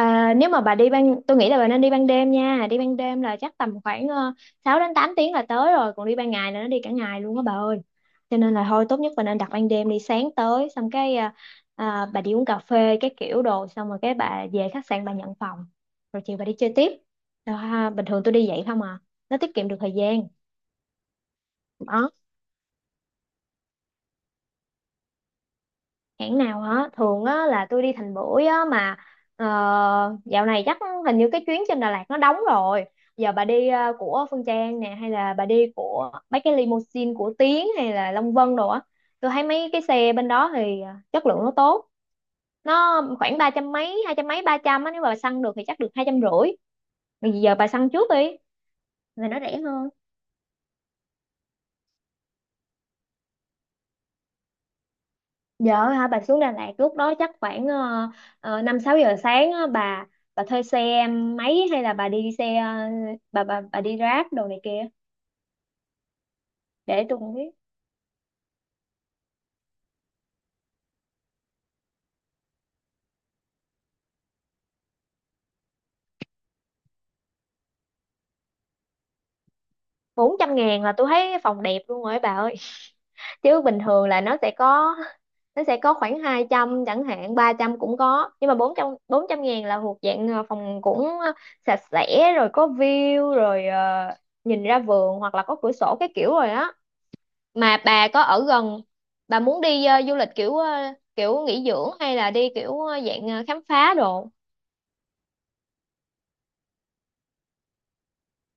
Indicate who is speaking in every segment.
Speaker 1: À, nếu mà bà đi ban tôi nghĩ là bà nên đi ban đêm nha. Đi ban đêm là chắc tầm khoảng 6 đến 8 tiếng là tới rồi. Còn đi ban ngày là nó đi cả ngày luôn á bà ơi, cho nên là thôi tốt nhất bà nên đặt ban đêm đi sáng tới, xong cái bà đi uống cà phê cái kiểu đồ, xong rồi cái bà về khách sạn bà nhận phòng, rồi chiều bà đi chơi tiếp. Đó ha, bình thường tôi đi vậy không à, nó tiết kiệm được thời gian. Đó, hãng nào hả, thường á là tôi đi Thành Bưởi á mà ờ, dạo này chắc hình như cái chuyến trên Đà Lạt nó đóng rồi. Giờ bà đi của Phương Trang nè, hay là bà đi của mấy cái limousine của Tiến hay là Long Vân đồ á. Tôi thấy mấy cái xe bên đó thì chất lượng nó tốt. Nó khoảng ba trăm mấy, hai trăm mấy, ba trăm á, nếu mà bà săn được thì chắc được 250. Bây giờ bà săn trước đi rồi nó rẻ hơn. Dạ hả, bà xuống Đà Lạt lúc đó chắc khoảng năm sáu giờ sáng á bà. Bà thuê xe máy hay là bà đi xe bà đi Grab đồ này kia, để tôi cũng biết. Bốn trăm ngàn là tôi thấy phòng đẹp luôn rồi ấy bà ơi, chứ bình thường là nó sẽ có. Nó sẽ có khoảng 200 chẳng hạn, 300 cũng có, nhưng mà bốn trăm ngàn là thuộc dạng phòng cũng sạch sẽ rồi, có view rồi, nhìn ra vườn hoặc là có cửa sổ cái kiểu rồi á. Mà bà có ở gần, bà muốn đi du lịch kiểu kiểu nghỉ dưỡng, hay là đi kiểu dạng khám phá đồ?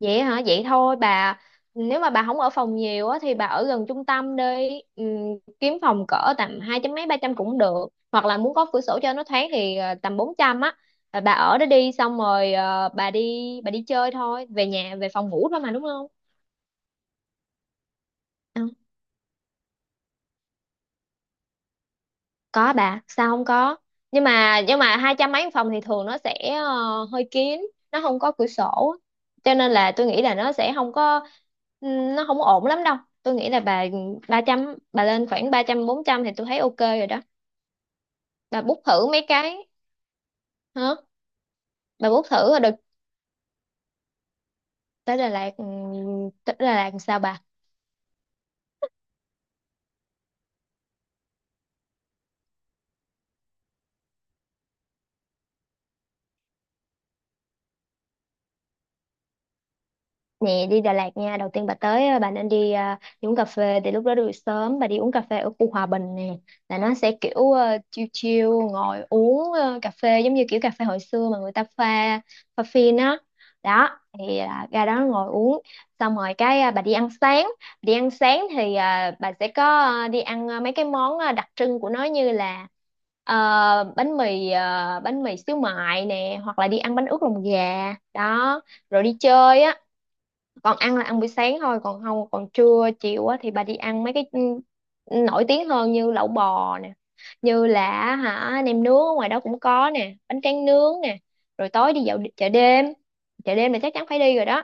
Speaker 1: Vậy hả, vậy thôi bà, nếu mà bà không ở phòng nhiều á thì bà ở gần trung tâm đi. Kiếm phòng cỡ tầm hai trăm mấy, ba trăm cũng được, hoặc là muốn có cửa sổ cho nó thoáng thì tầm bốn trăm á. Rồi bà ở đó đi, xong rồi bà đi chơi thôi, về nhà về phòng ngủ thôi mà đúng không? Có bà, sao không có. Nhưng mà hai trăm mấy phòng thì thường nó sẽ hơi kín, nó không có cửa sổ, cho nên là tôi nghĩ là nó sẽ không có, nó không ổn lắm đâu. Tôi nghĩ là bà ba trăm, bà lên khoảng ba trăm bốn trăm thì tôi thấy ok rồi đó. Bà book thử mấy cái. Hả? Bà book thử rồi được. Tới Đà Lạt, tới Đà Lạt làm sao bà? Nè, đi Đà Lạt nha. Đầu tiên bà tới bà nên đi, đi uống cà phê. Thì lúc đó đi buổi sớm, bà đi uống cà phê ở khu Hòa Bình nè. Là nó sẽ kiểu chill chill. Ngồi uống cà phê giống như kiểu cà phê hồi xưa mà người ta pha Pha phin á. Đó thì ra đó ngồi uống. Xong rồi cái bà đi ăn sáng. Đi ăn sáng thì bà sẽ có đi ăn mấy cái món đặc trưng của nó. Như là ờ, bánh mì xíu mại nè. Hoặc là đi ăn bánh ướt lòng gà. Đó rồi đi chơi á, còn ăn là ăn buổi sáng thôi, còn không còn trưa chiều á thì bà đi ăn mấy cái nổi tiếng hơn, như lẩu bò nè, như là, hả, nem nướng ở ngoài đó cũng có nè, bánh tráng nướng nè, rồi tối đi dạo chợ đêm. Chợ đêm là chắc chắn phải đi rồi đó.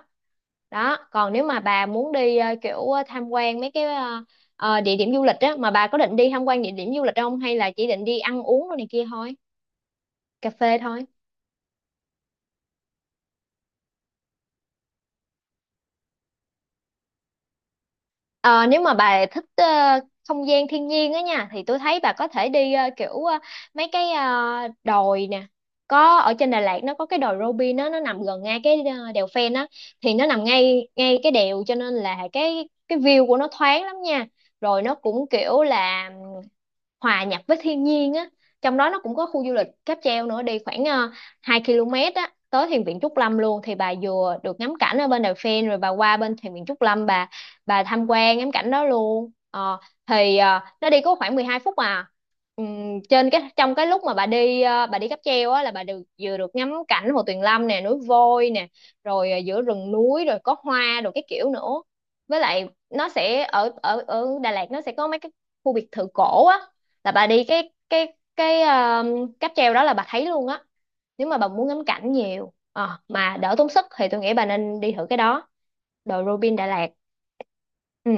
Speaker 1: Đó còn nếu mà bà muốn đi kiểu tham quan mấy cái địa điểm du lịch á, mà bà có định đi tham quan địa điểm du lịch không, hay là chỉ định đi ăn uống rồi này kia thôi, cà phê thôi? Ờ, Nếu mà bà thích không gian thiên nhiên á nha, thì tôi thấy bà có thể đi kiểu mấy cái đồi nè. Có ở trên Đà Lạt nó có cái đồi Robin đó, nó nằm gần ngay cái đèo Phen á. Thì nó nằm ngay ngay cái đèo, cho nên là cái view của nó thoáng lắm nha. Rồi nó cũng kiểu là hòa nhập với thiên nhiên á. Trong đó nó cũng có khu du lịch cáp treo nữa, đi khoảng 2 km á tới thiền viện Trúc Lâm luôn, thì bà vừa được ngắm cảnh ở bên Đài Phen rồi bà qua bên thiền viện Trúc Lâm, bà tham quan ngắm cảnh đó luôn. Ờ, thì nó đi có khoảng 12 phút à. Trên cái, trong cái lúc mà bà đi bà đi cáp treo á là bà được vừa được ngắm cảnh Hồ Tuyền Lâm nè, núi Voi nè, rồi giữa rừng núi, rồi có hoa rồi cái kiểu nữa. Với lại nó sẽ ở ở ở Đà Lạt nó sẽ có mấy cái khu biệt thự cổ á, là bà đi cái cáp treo đó là bà thấy luôn á. Nếu mà bà muốn ngắm cảnh nhiều, mà đỡ tốn sức thì tôi nghĩ bà nên đi thử cái đó, đồi Robin Đà Lạt. Ừ.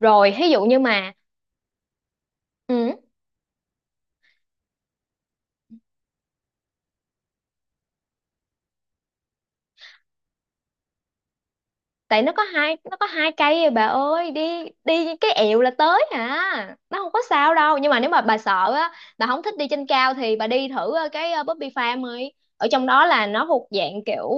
Speaker 1: Rồi ví dụ như mà, ừ, tại nó có hai cây rồi bà ơi, đi đi cái ẹo là tới hả? Nó không có sao đâu, nhưng mà nếu mà bà sợ á, bà không thích đi trên cao thì bà đi thử cái Bobby Farm ấy, ở trong đó là nó thuộc dạng kiểu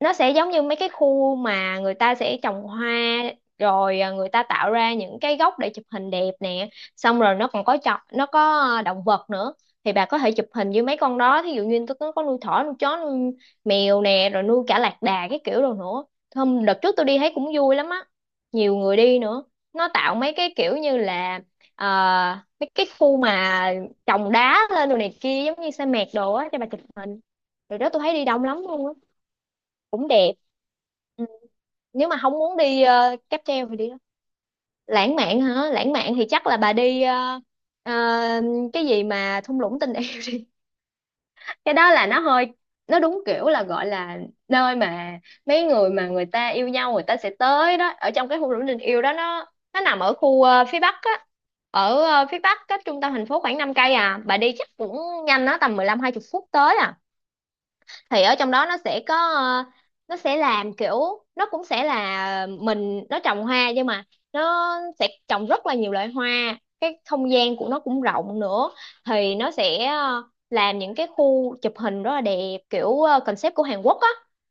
Speaker 1: nó sẽ giống như mấy cái khu mà người ta sẽ trồng hoa, rồi người ta tạo ra những cái góc để chụp hình đẹp nè. Xong rồi nó còn có chọn, nó có động vật nữa, thì bà có thể chụp hình với mấy con đó, thí dụ như tôi có nuôi thỏ, nuôi chó, nuôi mèo nè, rồi nuôi cả lạc đà cái kiểu đồ nữa. Hôm đợt trước tôi đi thấy cũng vui lắm á, nhiều người đi nữa. Nó tạo mấy cái kiểu như là mấy cái khu mà trồng đá lên đồ này kia giống như sa mạc đồ á cho bà chụp hình. Rồi đó, tôi thấy đi đông lắm luôn á, cũng đẹp. Ừ. Nếu mà không muốn đi cáp treo thì đi đó. Lãng mạn hả, lãng mạn thì chắc là bà đi ờ, cái gì mà thung lũng tình yêu đi. Cái đó là nó hơi, nó đúng kiểu là gọi là nơi mà mấy người mà người ta yêu nhau người ta sẽ tới đó. Ở trong cái thung lũng tình yêu đó, nó nằm ở khu phía bắc á, ở phía bắc cách trung tâm thành phố khoảng 5 cây à, bà đi chắc cũng nhanh đó, tầm 15 hai 20 phút tới à. Thì ở trong đó nó sẽ có, nó sẽ làm kiểu, nó cũng sẽ là mình nó trồng hoa, nhưng mà nó sẽ trồng rất là nhiều loại hoa. Cái không gian của nó cũng rộng nữa, thì nó sẽ làm những cái khu chụp hình rất là đẹp, kiểu concept của Hàn Quốc á.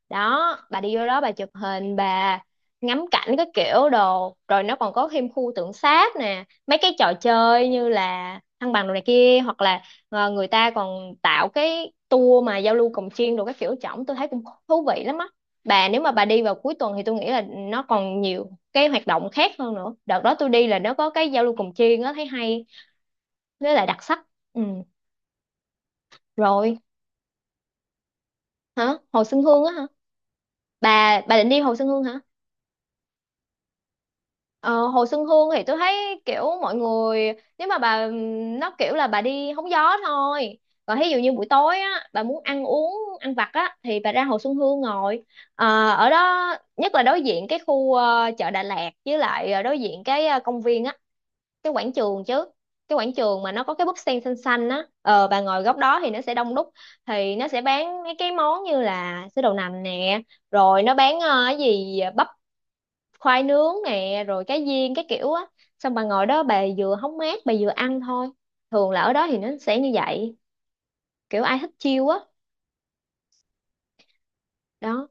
Speaker 1: Đó bà đi vô đó bà chụp hình, bà ngắm cảnh cái kiểu đồ, rồi nó còn có thêm khu tượng sáp nè, mấy cái trò chơi như là thăng bằng đồ này kia, hoặc là người ta còn tạo cái tour mà giao lưu cồng chiêng đồ các kiểu trỏng, tôi thấy cũng thú vị lắm á. Bà nếu mà bà đi vào cuối tuần thì tôi nghĩ là nó còn nhiều cái hoạt động khác hơn nữa. Đợt đó tôi đi là nó có cái giao lưu cồng chiêng á, thấy hay với là đặc sắc. Ừ. Rồi, hả? Hồ Xuân Hương á hả? Bà định đi Hồ Xuân Hương hả? Ờ, Hồ Xuân Hương thì tôi thấy kiểu mọi người, nếu mà bà, nó kiểu là bà đi hóng gió thôi. Còn thí dụ như buổi tối á bà muốn ăn uống, ăn vặt á thì bà ra Hồ Xuân Hương ngồi. Ở đó nhất là đối diện cái khu chợ Đà Lạt, với lại đối diện cái công viên á, cái quảng trường chứ, cái quảng trường mà nó có cái búp sen xanh xanh á. Ờ, bà ngồi góc đó thì nó sẽ đông đúc, thì nó sẽ bán mấy cái món như là sữa đậu nành nè, rồi nó bán cái gì bắp, khoai nướng nè, rồi cá viên cái kiểu á. Xong bà ngồi đó, bà vừa hóng mát bà vừa ăn thôi. Thường là ở đó thì nó sẽ như vậy. Kiểu ai thích chiêu á đó.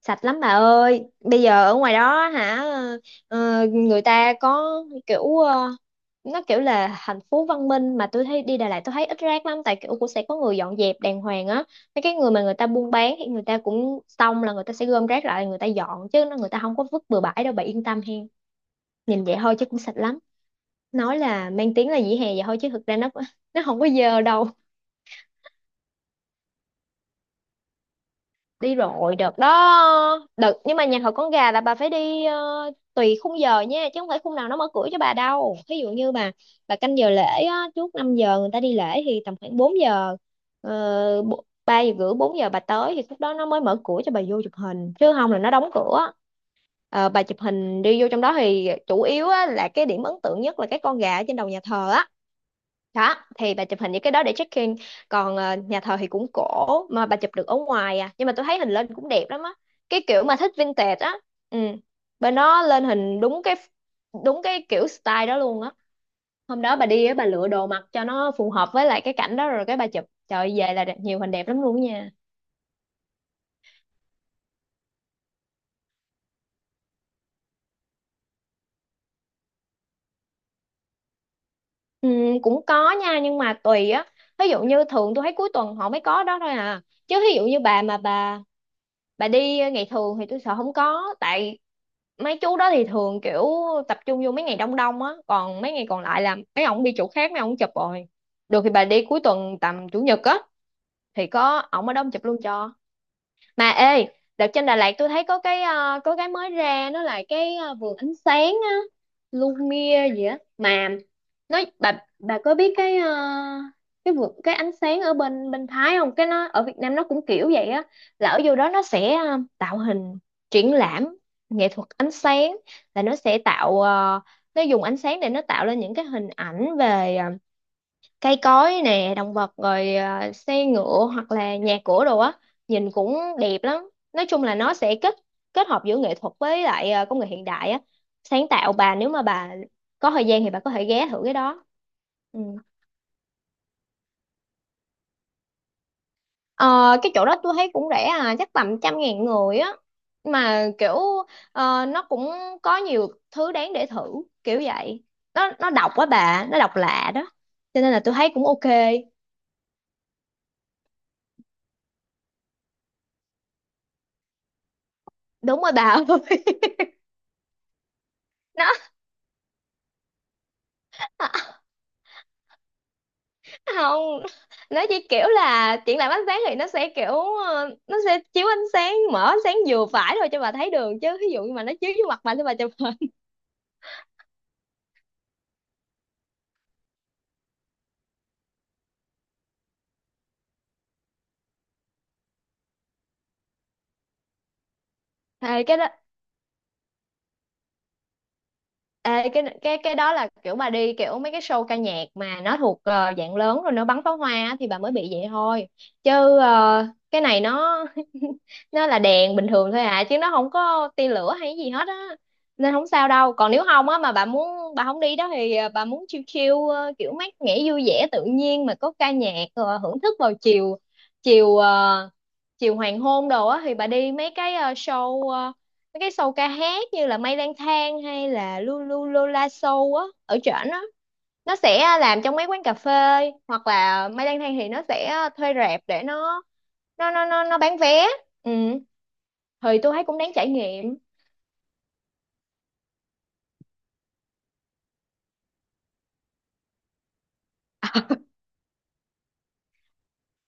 Speaker 1: Sạch lắm bà ơi, bây giờ ở ngoài đó hả. Người ta có kiểu nó kiểu là thành phố văn minh, mà tôi thấy đi Đà Lạt tôi thấy ít rác lắm, tại kiểu cũng sẽ có người dọn dẹp đàng hoàng á. Mấy cái người mà người ta buôn bán thì người ta cũng xong là người ta sẽ gom rác lại, người ta dọn chứ nó người ta không có vứt bừa bãi đâu, bà yên tâm hen. Nhìn vậy thôi chứ cũng sạch lắm. Nói là mang tiếng là vỉa hè vậy thôi chứ thực ra nó không có giờ đâu. Đi rồi, đợt đó đợt nhưng mà nhà thờ con gà là bà phải đi tùy khung giờ nha, chứ không phải khung nào nó mở cửa cho bà đâu. Ví dụ như bà canh giờ lễ á, trước 5 giờ người ta đi lễ thì tầm khoảng 4 giờ, 3 giờ rưỡi, 4 giờ bà tới thì lúc đó nó mới mở cửa cho bà vô chụp hình chứ không là nó đóng cửa. Bà chụp hình đi vô trong đó thì chủ yếu á, là cái điểm ấn tượng nhất là cái con gà ở trên đầu nhà thờ á. Đó thì bà chụp hình những cái đó để check in. Còn nhà thờ thì cũng cổ mà bà chụp được ở ngoài à, nhưng mà tôi thấy hình lên cũng đẹp lắm á. Cái kiểu mà thích vintage á. Ừ. Bên nó lên hình đúng cái kiểu style đó luôn á. Hôm đó bà đi á, bà lựa đồ mặc cho nó phù hợp với lại cái cảnh đó rồi cái bà chụp, trời ơi, về là đẹp, nhiều hình đẹp lắm luôn á nha. Ừ, cũng có nha nhưng mà tùy á. Ví dụ như thường tôi thấy cuối tuần họ mới có đó thôi à, chứ ví dụ như bà mà bà đi ngày thường thì tôi sợ không có, tại mấy chú đó thì thường kiểu tập trung vô mấy ngày đông đông á, còn mấy ngày còn lại là mấy ông đi chỗ khác mấy ông chụp rồi. Được thì bà đi cuối tuần tầm chủ nhật á, thì có ổng ở đó ông chụp luôn cho. Mà ê, đợt trên Đà Lạt tôi thấy có cái mới ra nó là cái vườn ánh sáng á. Lumia gì á mà nói bà có biết cái cái vườn cái ánh sáng ở bên bên Thái không, cái nó ở Việt Nam nó cũng kiểu vậy á. Là ở vô đó nó sẽ tạo hình triển lãm nghệ thuật ánh sáng. Là nó sẽ tạo ờ, nó dùng ánh sáng để nó tạo lên những cái hình ảnh về cây cối nè, động vật, rồi à, xe ngựa hoặc là nhà cửa đồ á. Nhìn cũng đẹp lắm. Nói chung là nó sẽ kết kết hợp giữa nghệ thuật với lại công nghệ hiện đại á. Sáng tạo. Bà nếu mà bà có thời gian thì bà có thể ghé thử cái đó. Ừ. Ờ, cái chỗ đó tôi thấy cũng rẻ à, chắc tầm 100.000 người á. Mà kiểu nó cũng có nhiều thứ đáng để thử, kiểu vậy. Nó độc quá bà, nó độc lạ đó, cho nên là tôi thấy cũng ok. Đúng rồi bà ơi. Nó không, nó chỉ kiểu là triển lãm ánh sáng thì nó sẽ kiểu nó sẽ chiếu ánh sáng, mở ánh sáng vừa phải thôi cho bà thấy đường, chứ ví dụ như mà nó chiếu vô mặt bà thì bà chụp hình. Thì cái đó ê, cái đó là kiểu mà đi kiểu mấy cái show ca nhạc mà nó thuộc dạng lớn rồi nó bắn pháo hoa á, thì bà mới bị vậy thôi. Chứ cái này nó nó là đèn bình thường thôi à, chứ nó không có tia lửa hay gì hết á. Nên không sao đâu. Còn nếu không á mà bà muốn bà không đi đó thì bà muốn chill chill kiểu mát mẻ vui vẻ tự nhiên mà có ca nhạc hưởng thức vào chiều chiều ờ, chiều hoàng hôn đồ á thì bà đi mấy cái show ca hát như là Mây Lang Thang hay là Lulu Lola Show á ở trển á. Nó sẽ làm trong mấy quán cà phê, hoặc là Mây Lang Thang thì nó sẽ thuê rạp để nó bán vé. Ừ. Thì tôi thấy cũng đáng trải nghiệm.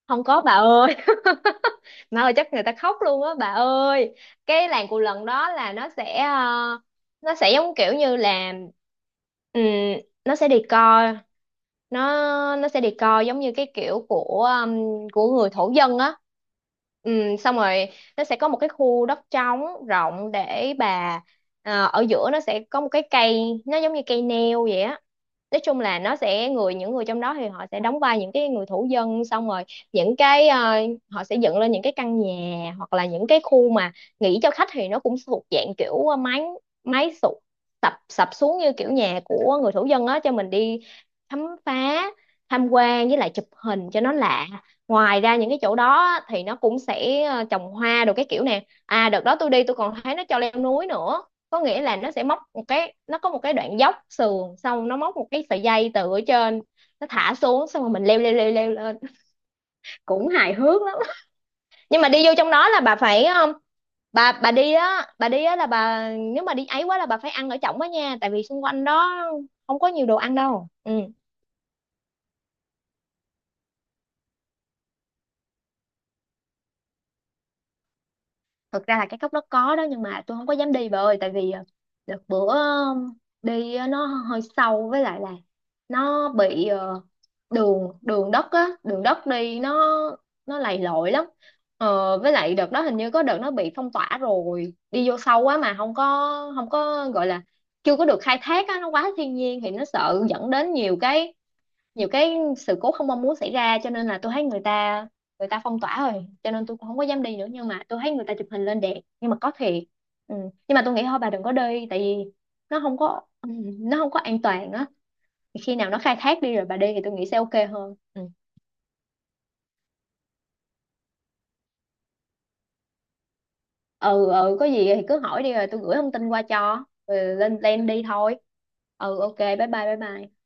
Speaker 1: Không có bà ơi. Mà ơi, chắc người ta khóc luôn á bà ơi. Cái làng cù lần đó là nó sẽ giống kiểu như là ừm, nó sẽ đi coi. Nó nó sẽ đi coi giống như cái kiểu của người thổ dân á. Xong rồi nó sẽ có một cái khu đất trống rộng để bà ở giữa nó sẽ có một cái cây nó giống như cây nêu vậy á. Nói chung là nó sẽ người, những người trong đó thì họ sẽ đóng vai những cái người thủ dân, xong rồi những cái ờ, họ sẽ dựng lên những cái căn nhà hoặc là những cái khu mà nghỉ cho khách, thì nó cũng thuộc dạng kiểu mái mái sụp, sập sập xuống như kiểu nhà của người thủ dân á, cho mình đi khám phá, tham quan với lại chụp hình cho nó lạ. Ngoài ra những cái chỗ đó á, thì nó cũng sẽ trồng hoa đồ cái kiểu nè. À, đợt đó tôi đi tôi còn thấy nó cho leo núi nữa. Có nghĩa là nó sẽ móc một cái, nó có một cái đoạn dốc sườn xong nó móc một cái sợi dây từ ở trên nó thả xuống, xong rồi mình leo leo leo leo lên. Cũng hài hước lắm. Nhưng mà đi vô trong đó là bà phải bà đi á, bà đi á là bà nếu mà đi ấy quá là bà phải ăn ở trỏng đó nha, tại vì xung quanh đó không có nhiều đồ ăn đâu. Ừ. Thực ra là cái cốc đó có đó, nhưng mà tôi không có dám đi bà ơi, tại vì đợt bữa đi á, nó hơi sâu với lại là nó bị đường đường đất á, đường đất đi nó lầy lội lắm. Với lại đợt đó hình như có đợt nó bị phong tỏa rồi, đi vô sâu quá mà không có gọi là chưa có được khai thác á, nó quá thiên nhiên thì nó sợ dẫn đến nhiều cái sự cố không mong muốn xảy ra, cho nên là tôi thấy người ta phong tỏa rồi, cho nên tôi cũng không có dám đi nữa, nhưng mà tôi thấy người ta chụp hình lên đẹp nhưng mà có thiệt. Ừ. Nhưng mà tôi nghĩ thôi bà đừng có đi, tại vì nó không có ừ, nó không có an toàn á. Thì khi nào nó khai thác đi rồi bà đi thì tôi nghĩ sẽ ok hơn. Ừ. Ừ, có gì thì cứ hỏi đi rồi tôi gửi thông tin qua cho, rồi lên plan đi thôi. Ừ, ok, bye bye bye bye.